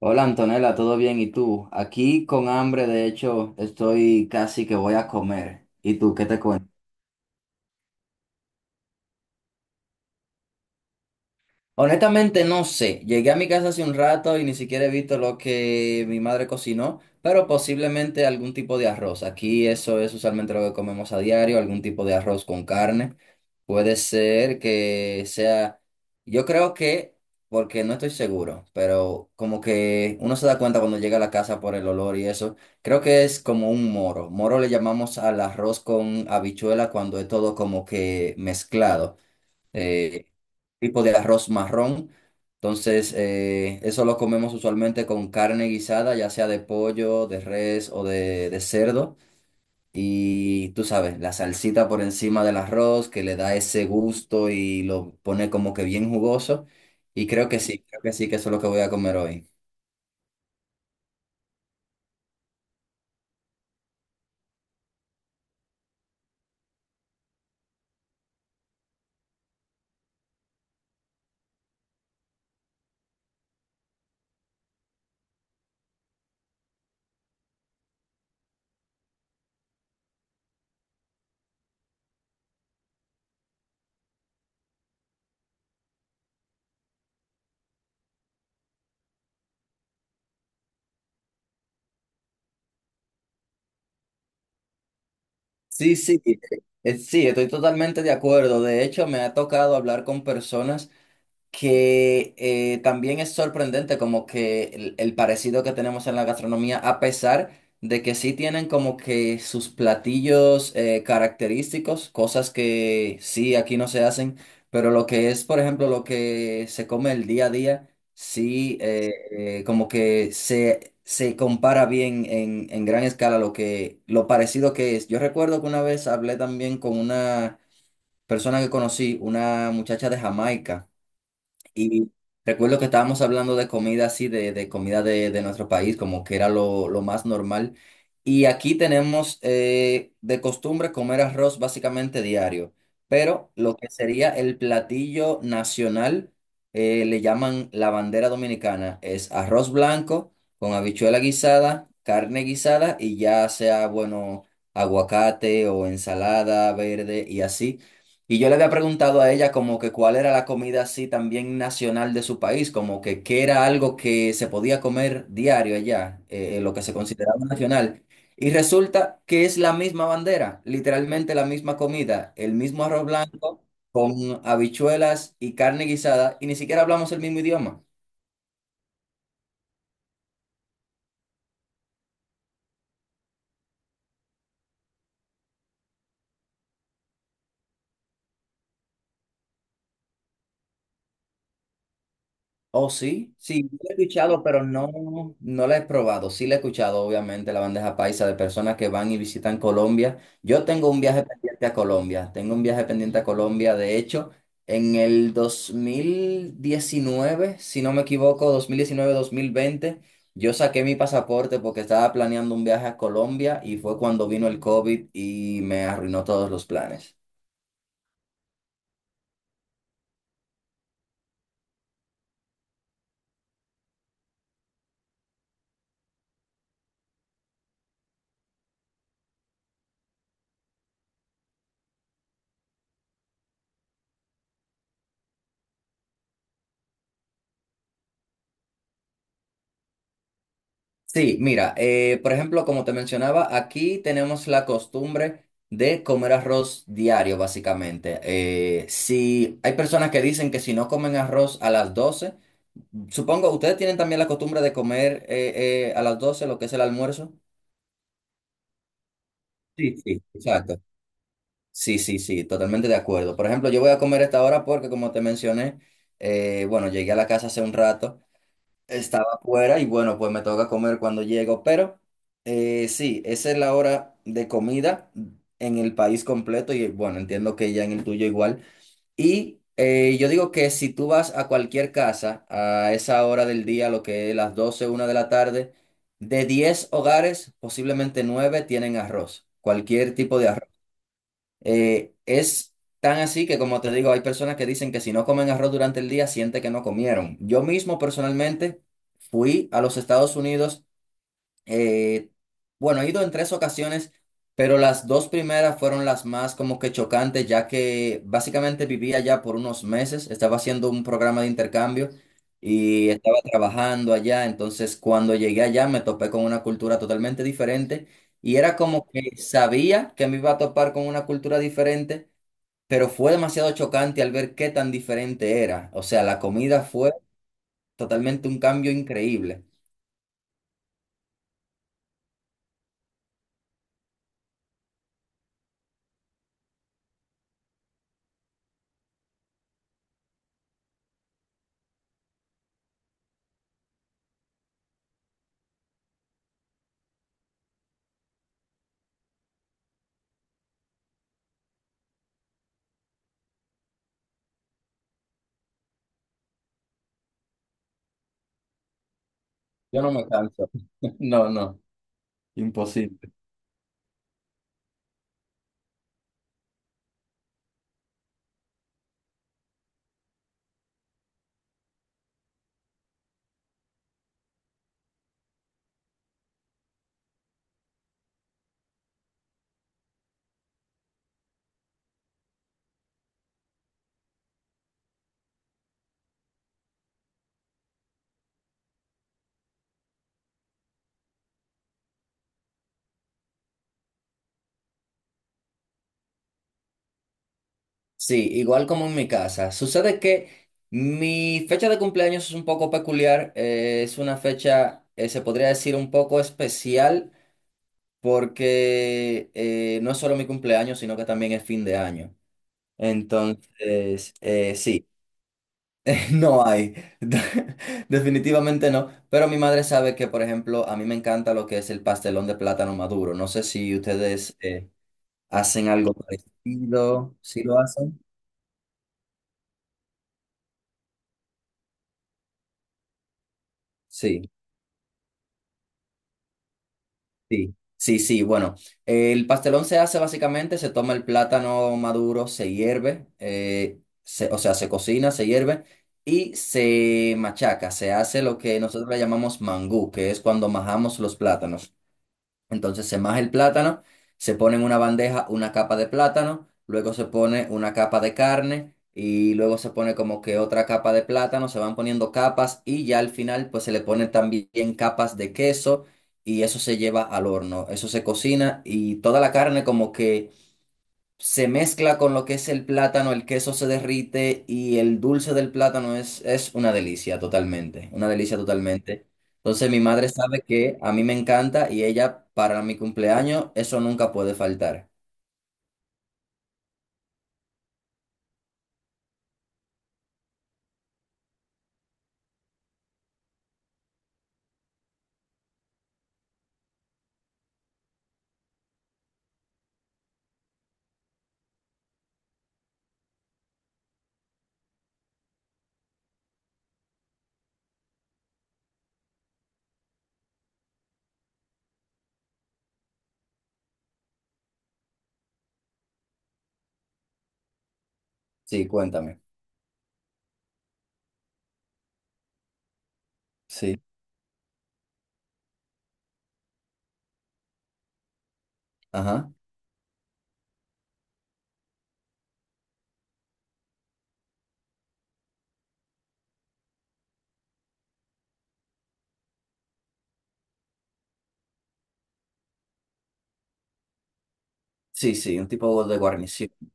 Hola Antonella, ¿todo bien? ¿Y tú? Aquí con hambre, de hecho, estoy casi que voy a comer. ¿Y tú qué te cuentas? Honestamente no sé, llegué a mi casa hace un rato y ni siquiera he visto lo que mi madre cocinó, pero posiblemente algún tipo de arroz. Aquí eso es usualmente lo que comemos a diario, algún tipo de arroz con carne. Puede ser que sea, yo creo que, porque no estoy seguro, pero como que uno se da cuenta cuando llega a la casa por el olor y eso, creo que es como un moro. Moro le llamamos al arroz con habichuela cuando es todo como que mezclado, eh, tipo de arroz marrón. Entonces, eso lo comemos usualmente con carne guisada, ya sea de pollo, de res o de cerdo. Y tú sabes, la salsita por encima del arroz que le da ese gusto y lo pone como que bien jugoso. Y creo que sí, que eso es lo que voy a comer hoy. Sí, sí, sí, estoy totalmente de acuerdo. De hecho, me ha tocado hablar con personas, que también es sorprendente como que el parecido que tenemos en la gastronomía, a pesar de que sí tienen como que sus platillos característicos, cosas que sí aquí no se hacen, pero lo que es, por ejemplo, lo que se come el día a día, sí, como que se compara bien en gran escala lo que, lo parecido que es. Yo recuerdo que una vez hablé también con una persona que conocí, una muchacha de Jamaica. Y recuerdo que estábamos hablando de comida así, de comida de nuestro país, como que era lo más normal. Y aquí tenemos, de costumbre comer arroz básicamente diario, pero lo que sería el platillo nacional, le llaman la bandera dominicana, es arroz blanco con habichuela guisada, carne guisada y ya sea, bueno, aguacate o ensalada verde y así. Y yo le había preguntado a ella como que cuál era la comida así también nacional de su país, como que qué era algo que se podía comer diario allá, lo que se consideraba nacional. Y resulta que es la misma bandera, literalmente la misma comida, el mismo arroz blanco con habichuelas y carne guisada, y ni siquiera hablamos el mismo idioma. Oh, sí, sí, la he escuchado, pero no, no la he probado. Sí la he escuchado, obviamente, la bandeja paisa de personas que van y visitan Colombia. Yo tengo un viaje pendiente a Colombia, tengo un viaje pendiente a Colombia. De hecho, en el 2019, si no me equivoco, 2019-2020, yo saqué mi pasaporte porque estaba planeando un viaje a Colombia y fue cuando vino el COVID y me arruinó todos los planes. Sí, mira, por ejemplo, como te mencionaba, aquí tenemos la costumbre de comer arroz diario, básicamente. Si hay personas que dicen que si no comen arroz a las 12, supongo, ¿ustedes tienen también la costumbre de comer, a las 12 lo que es el almuerzo? Sí, sí, exacto. Sí, sí, sí, totalmente de acuerdo. Por ejemplo, yo voy a comer a esta hora porque, como te mencioné, bueno, llegué a la casa hace un rato. Estaba fuera y bueno, pues me toca comer cuando llego, pero, sí, esa es la hora de comida en el país completo y bueno, entiendo que ya en el tuyo igual. Y, yo digo que si tú vas a cualquier casa a esa hora del día, lo que es las doce una de la tarde, de 10 hogares, posiblemente 9 tienen arroz, cualquier tipo de arroz. Es tan así que, como te digo, hay personas que dicen que si no comen arroz durante el día, siente que no comieron. Yo mismo personalmente fui a los Estados Unidos, eh, bueno, he ido en tres ocasiones, pero las dos primeras fueron las más como que chocantes, ya que básicamente vivía allá por unos meses, estaba haciendo un programa de intercambio y estaba trabajando allá, entonces cuando llegué allá me topé con una cultura totalmente diferente y era como que sabía que me iba a topar con una cultura diferente, pero fue demasiado chocante al ver qué tan diferente era. O sea, la comida fue totalmente un cambio increíble. Yo no me canso. No, no. Sí, igual como en mi casa. Sucede que mi fecha de cumpleaños es un poco peculiar. Es una fecha, se podría decir, un poco especial porque, no es solo mi cumpleaños, sino que también es fin de año. Entonces, sí, no hay. Definitivamente no. Pero mi madre sabe que, por ejemplo, a mí me encanta lo que es el pastelón de plátano maduro. No sé si ustedes, hacen algo parecido. Si lo hacen? Sí. Sí, sí, sí. Bueno, el pastelón se hace básicamente, se toma el plátano maduro, se hierve, o sea, se cocina, se hierve y se machaca. Se hace lo que nosotros le llamamos mangú, que es cuando majamos los plátanos. Entonces se maja el plátano, se pone en una bandeja una capa de plátano, luego se pone una capa de carne y luego se pone como que otra capa de plátano, se van poniendo capas y ya al final pues se le ponen también capas de queso y eso se lleva al horno, eso se cocina y toda la carne como que se mezcla con lo que es el plátano, el queso se derrite y el dulce del plátano es una delicia totalmente, una delicia totalmente. Entonces mi madre sabe que a mí me encanta y ella para mi cumpleaños eso nunca puede faltar. Sí, cuéntame. Sí, ajá. Sí, sí, un tipo de guarnición. Sí.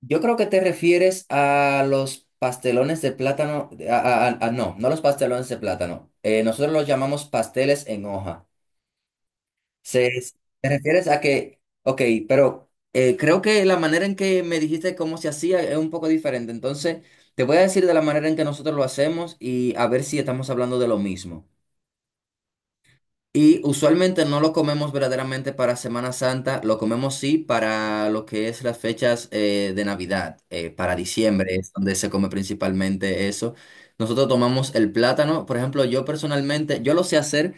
Yo creo que te refieres a los pastelones de plátano, no, no los pastelones de plátano. Nosotros los llamamos pasteles en hoja. Se, ¿Te refieres a que, ok, pero, creo que la manera en que me dijiste cómo se hacía es un poco diferente? Entonces, te voy a decir de la manera en que nosotros lo hacemos y a ver si estamos hablando de lo mismo. Y usualmente no lo comemos verdaderamente para Semana Santa, lo comemos sí para lo que es las fechas, de Navidad, para diciembre es donde se come principalmente eso. Nosotros tomamos el plátano, por ejemplo, yo personalmente, yo lo sé hacer.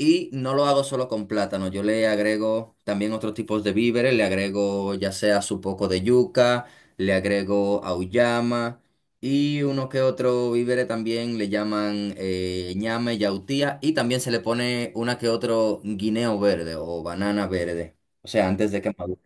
Y no lo hago solo con plátano, yo le agrego también otros tipos de víveres, le agrego ya sea su poco de yuca, le agrego auyama y uno que otro víveres también le llaman, ñame, yautía y también se le pone una que otro guineo verde o banana verde, o sea, antes de que madure.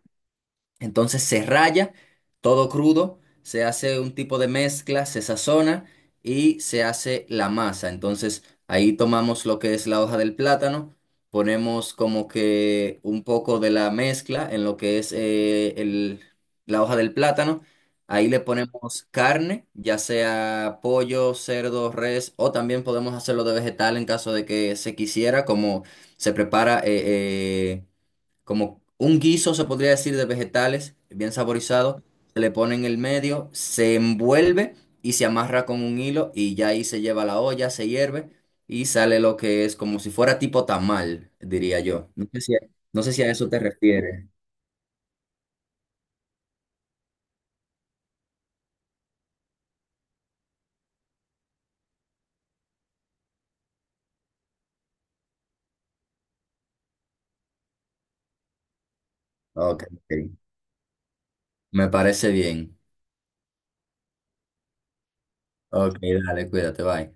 Entonces se raya todo crudo, se hace un tipo de mezcla, se sazona y se hace la masa. Entonces ahí tomamos lo que es la hoja del plátano, ponemos como que un poco de la mezcla en lo que es, la hoja del plátano. Ahí le ponemos carne, ya sea pollo, cerdo, res, o también podemos hacerlo de vegetal en caso de que se quisiera, como se prepara. Eh, Como un guiso, se podría decir, de vegetales, bien saborizado. Se le pone en el medio, se envuelve y se amarra con un hilo y ya ahí se lleva a la olla, se hierve y sale lo que es como si fuera tipo tamal, diría yo. No sé si a eso te refieres. Ok, ok. Me parece bien. Ok, dale, cuídate, bye.